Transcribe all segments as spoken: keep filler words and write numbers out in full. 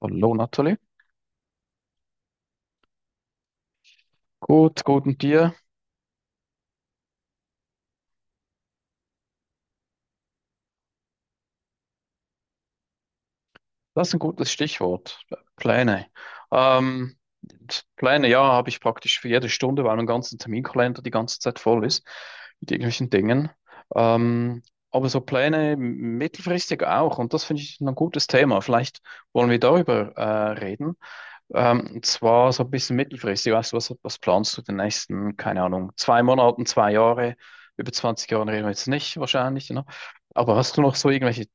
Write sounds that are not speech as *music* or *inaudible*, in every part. Hallo Nathalie. Gut, gut und dir? Das ist ein gutes Stichwort. Pläne. Ähm, Pläne, ja, habe ich praktisch für jede Stunde, weil mein ganzer Terminkalender die ganze Zeit voll ist mit irgendwelchen Dingen. Ähm, aber so Pläne m- mittelfristig auch. Und das finde ich ein gutes Thema. Vielleicht wollen wir darüber äh, reden. Ähm, und zwar so ein bisschen mittelfristig. Weißt du, was, was planst du den nächsten, keine Ahnung, zwei Monaten, zwei Jahre? Über zwanzig Jahren reden wir jetzt nicht wahrscheinlich, ne? Aber hast du noch so irgendwelche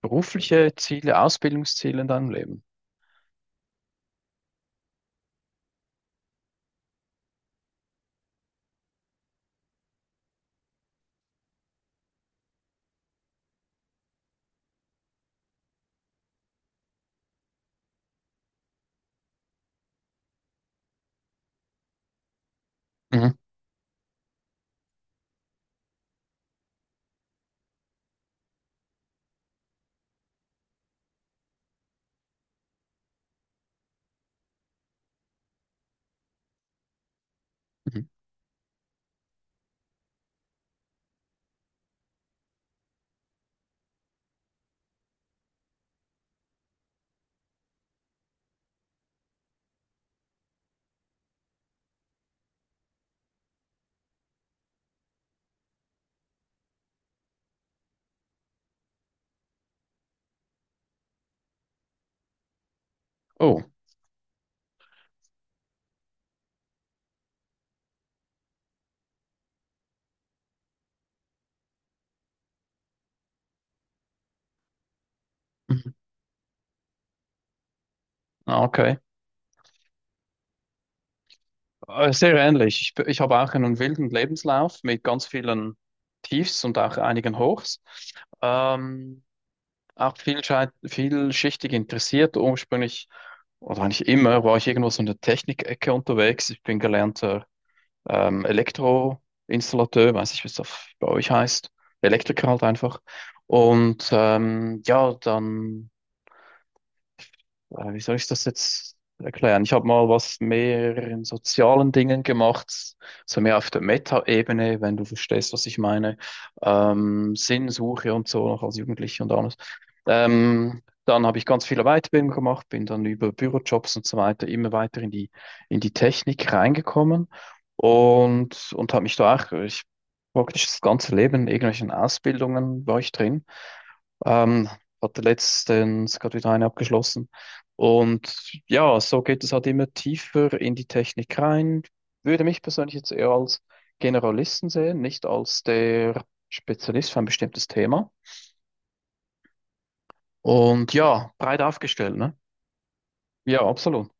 berufliche Ziele, Ausbildungsziele in deinem Leben. Mhm. Mhm. Oh, mhm. Ah, okay. Äh, Sehr ähnlich. Ich, b- ich habe auch einen wilden Lebenslauf mit ganz vielen Tiefs und auch einigen Hochs. Ähm, auch vielschei- vielschichtig interessiert. Ursprünglich, oder eigentlich immer, war ich irgendwo so in der Technikecke unterwegs. Ich bin gelernter ähm, Elektroinstallateur, weiß ich, wie es das bei euch heißt. Elektriker halt einfach. Und ähm, ja, dann. Äh, wie soll ich das jetzt erklären? Ich habe mal was mehr in sozialen Dingen gemacht, so mehr auf der Meta-Ebene, wenn du verstehst, was ich meine. Ähm, Sinnsuche und so, noch als Jugendlicher und alles. Ähm, dann habe ich ganz viele Weiterbildungen gemacht, bin dann über Bürojobs und so weiter immer weiter in die, in die Technik reingekommen und, und habe mich da auch, ich, praktisch das ganze Leben in irgendwelchen Ausbildungen war ich drin. Ähm, hatte letztens gerade wieder eine abgeschlossen. Und ja, so geht es halt immer tiefer in die Technik rein. Würde mich persönlich jetzt eher als Generalisten sehen, nicht als der Spezialist für ein bestimmtes Thema. Und ja, breit aufgestellt, ne? Ja, absolut.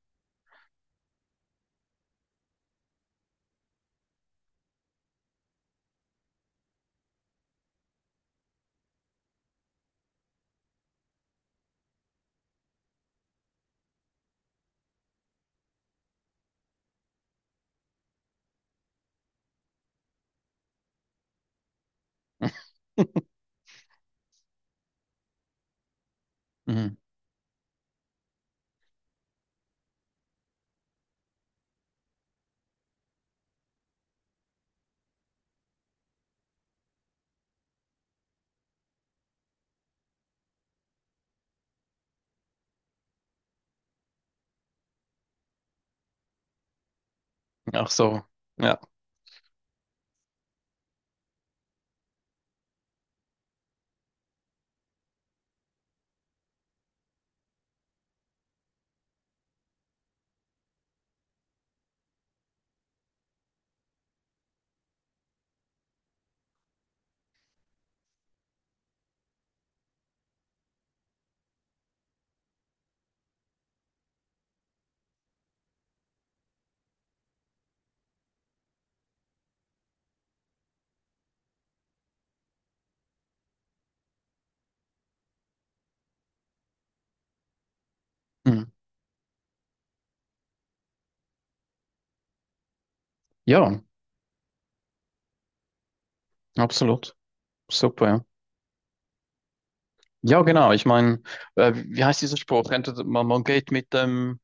*laughs* Mhm. Ach so, ja. Mhm. Ja, absolut. Super, ja. Ja, genau. Ich meine, äh, wie heißt dieser Spruch? Entweder man, man geht mit dem,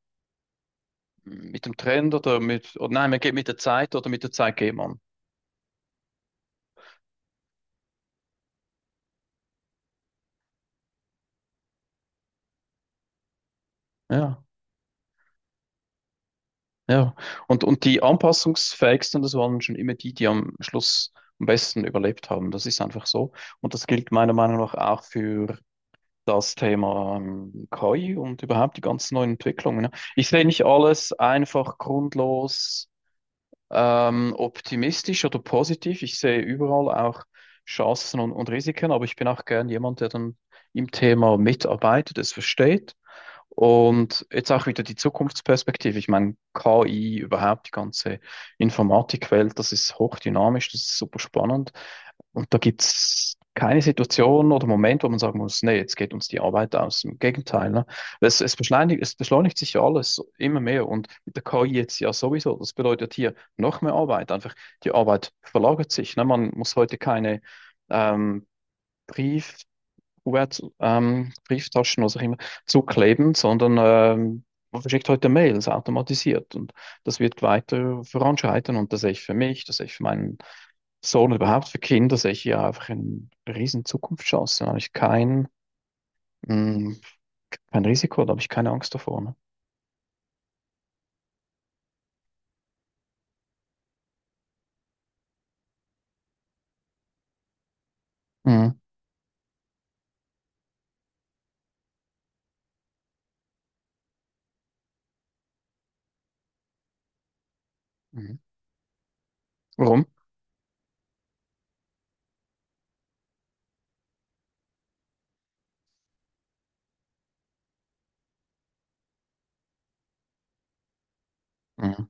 mit dem Trend oder mit, oder nein, man geht mit der Zeit oder mit der Zeit geht man. Ja. Ja, und, und die anpassungsfähigsten, das waren schon immer die, die am Schluss am besten überlebt haben. Das ist einfach so. Und das gilt meiner Meinung nach auch für das Thema ähm, K I und überhaupt die ganzen neuen Entwicklungen, ne? Ich sehe nicht alles einfach grundlos ähm, optimistisch oder positiv. Ich sehe überall auch Chancen und, und Risiken, aber ich bin auch gern jemand, der dann im Thema mitarbeitet, es versteht und jetzt auch wieder die Zukunftsperspektive. Ich meine, K I, überhaupt die ganze Informatikwelt, das ist hochdynamisch, das ist super spannend. Und da gibt es keine Situation oder Moment, wo man sagen muss, nee, jetzt geht uns die Arbeit aus. Im Gegenteil, ne? Es, es beschleunigt, es beschleunigt sich ja alles immer mehr und mit der K I jetzt ja sowieso. Das bedeutet hier noch mehr Arbeit. Einfach die Arbeit verlagert sich. Ne? Man muss heute keine ähm, Brief, Q R-Brieftauschen, ähm, Brieftaschen, was auch immer, zukleben, sondern ähm, man verschickt heute Mails automatisiert und das wird weiter voranschreiten und das sehe ich für mich, das sehe ich für meinen Sohn überhaupt für Kinder, sehe ich ja einfach eine riesen Zukunftschance. Da habe ich kein, mh, kein Risiko, da habe ich keine Angst davor. Ne? Mhm. Mhm. Warum? Mhm.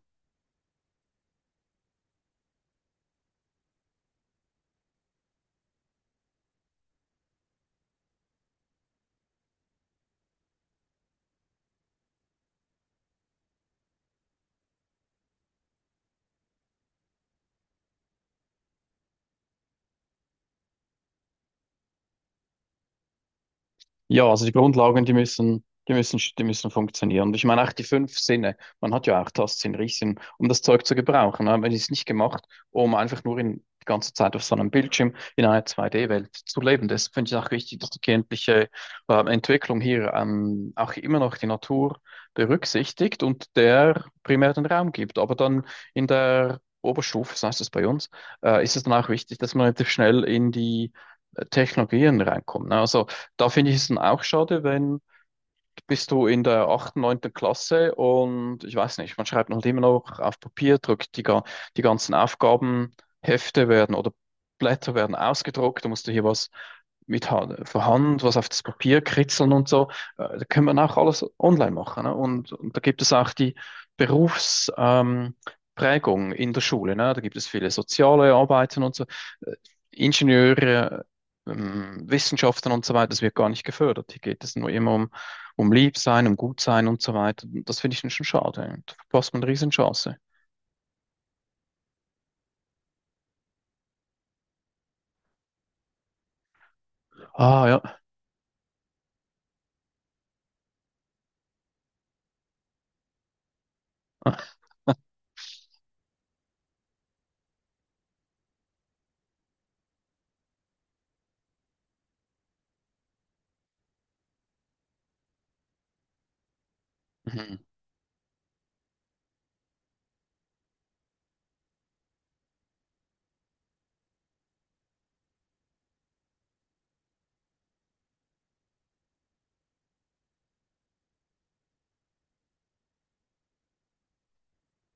Ja, also die Grundlagen, die müssen, die müssen, die müssen funktionieren. Und ich meine auch die fünf Sinne. Man hat ja auch Tastsinn, Riechsinn, um das Zeug zu gebrauchen, ne? Man ist nicht gemacht, um einfach nur in, die ganze Zeit auf so einem Bildschirm in einer zwei D-Welt zu leben. Das finde ich auch wichtig, dass die kindliche äh, Entwicklung hier ähm, auch immer noch die Natur berücksichtigt und der primär den Raum gibt. Aber dann in der Oberstufe, so heißt es bei uns, äh, ist es dann auch wichtig, dass man relativ schnell in die äh, Technologien reinkommt, ne? Also da finde ich es dann auch schade, wenn bist du in der achten, neunten Klasse und ich weiß nicht, man schreibt halt immer noch auf Papier, drückt die, ga- die ganzen Aufgabenhefte werden oder Blätter werden ausgedruckt, da musst du hier was mit Hand, von Hand, was auf das Papier kritzeln und so. Äh, Da kann man auch alles online machen. Ne? Und, und da gibt es auch die Berufs, ähm, Prägung in der Schule. Ne? Da gibt es viele soziale Arbeiten und so. Äh, Ingenieure, ähm, Wissenschaften und so weiter, das wird gar nicht gefördert. Hier geht es nur immer um um lieb sein, um gut sein und so weiter. Das finde ich dann schon schade. Da verpasst man eine Riesenchance. Ah, ja. *laughs* Mhm.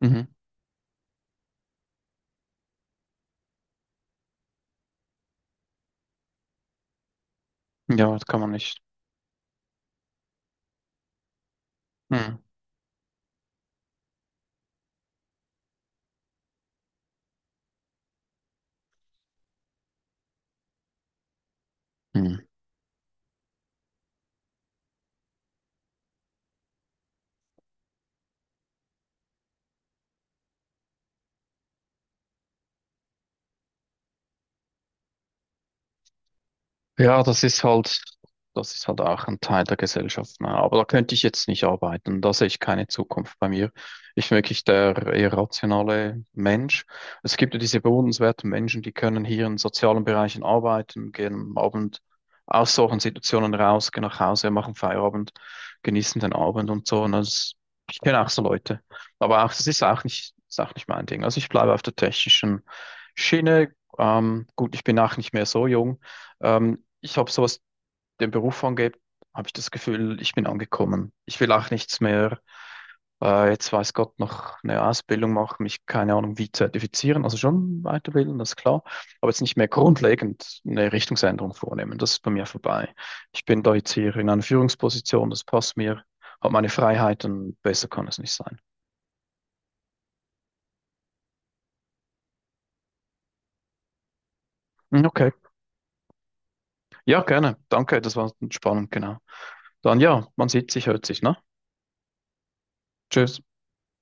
Mhm. Ja, das kann man nicht. Mhm. Mhm. Ja, das ist halt, das ist halt auch ein Teil der Gesellschaft. Ne? Aber da könnte ich jetzt nicht arbeiten. Da sehe ich keine Zukunft bei mir. Ich bin wirklich der eher rationale Mensch. Es gibt ja diese bewundernswerten Menschen, die können hier in sozialen Bereichen arbeiten, gehen am Abend aus solchen Situationen raus, gehen nach Hause, machen Feierabend, genießen den Abend und so. Und das, ich kenne auch so Leute. Aber auch, das ist auch nicht, ist auch nicht mein Ding. Also ich bleibe auf der technischen Schiene. Ähm, gut, ich bin auch nicht mehr so jung. Ähm, ich habe so was den Beruf angeht, habe ich das Gefühl, ich bin angekommen. Ich will auch nichts mehr, äh, jetzt weiß Gott, noch eine Ausbildung machen, mich keine Ahnung wie zertifizieren, also schon weiterbilden, das ist klar, aber jetzt nicht mehr grundlegend eine Richtungsänderung vornehmen. Das ist bei mir vorbei. Ich bin da jetzt hier in einer Führungsposition, das passt mir, habe meine Freiheiten, besser kann es nicht sein. Hm, okay, ja, gerne. Danke, das war spannend, genau. Dann ja, man sieht sich, hört sich, ne? Tschüss.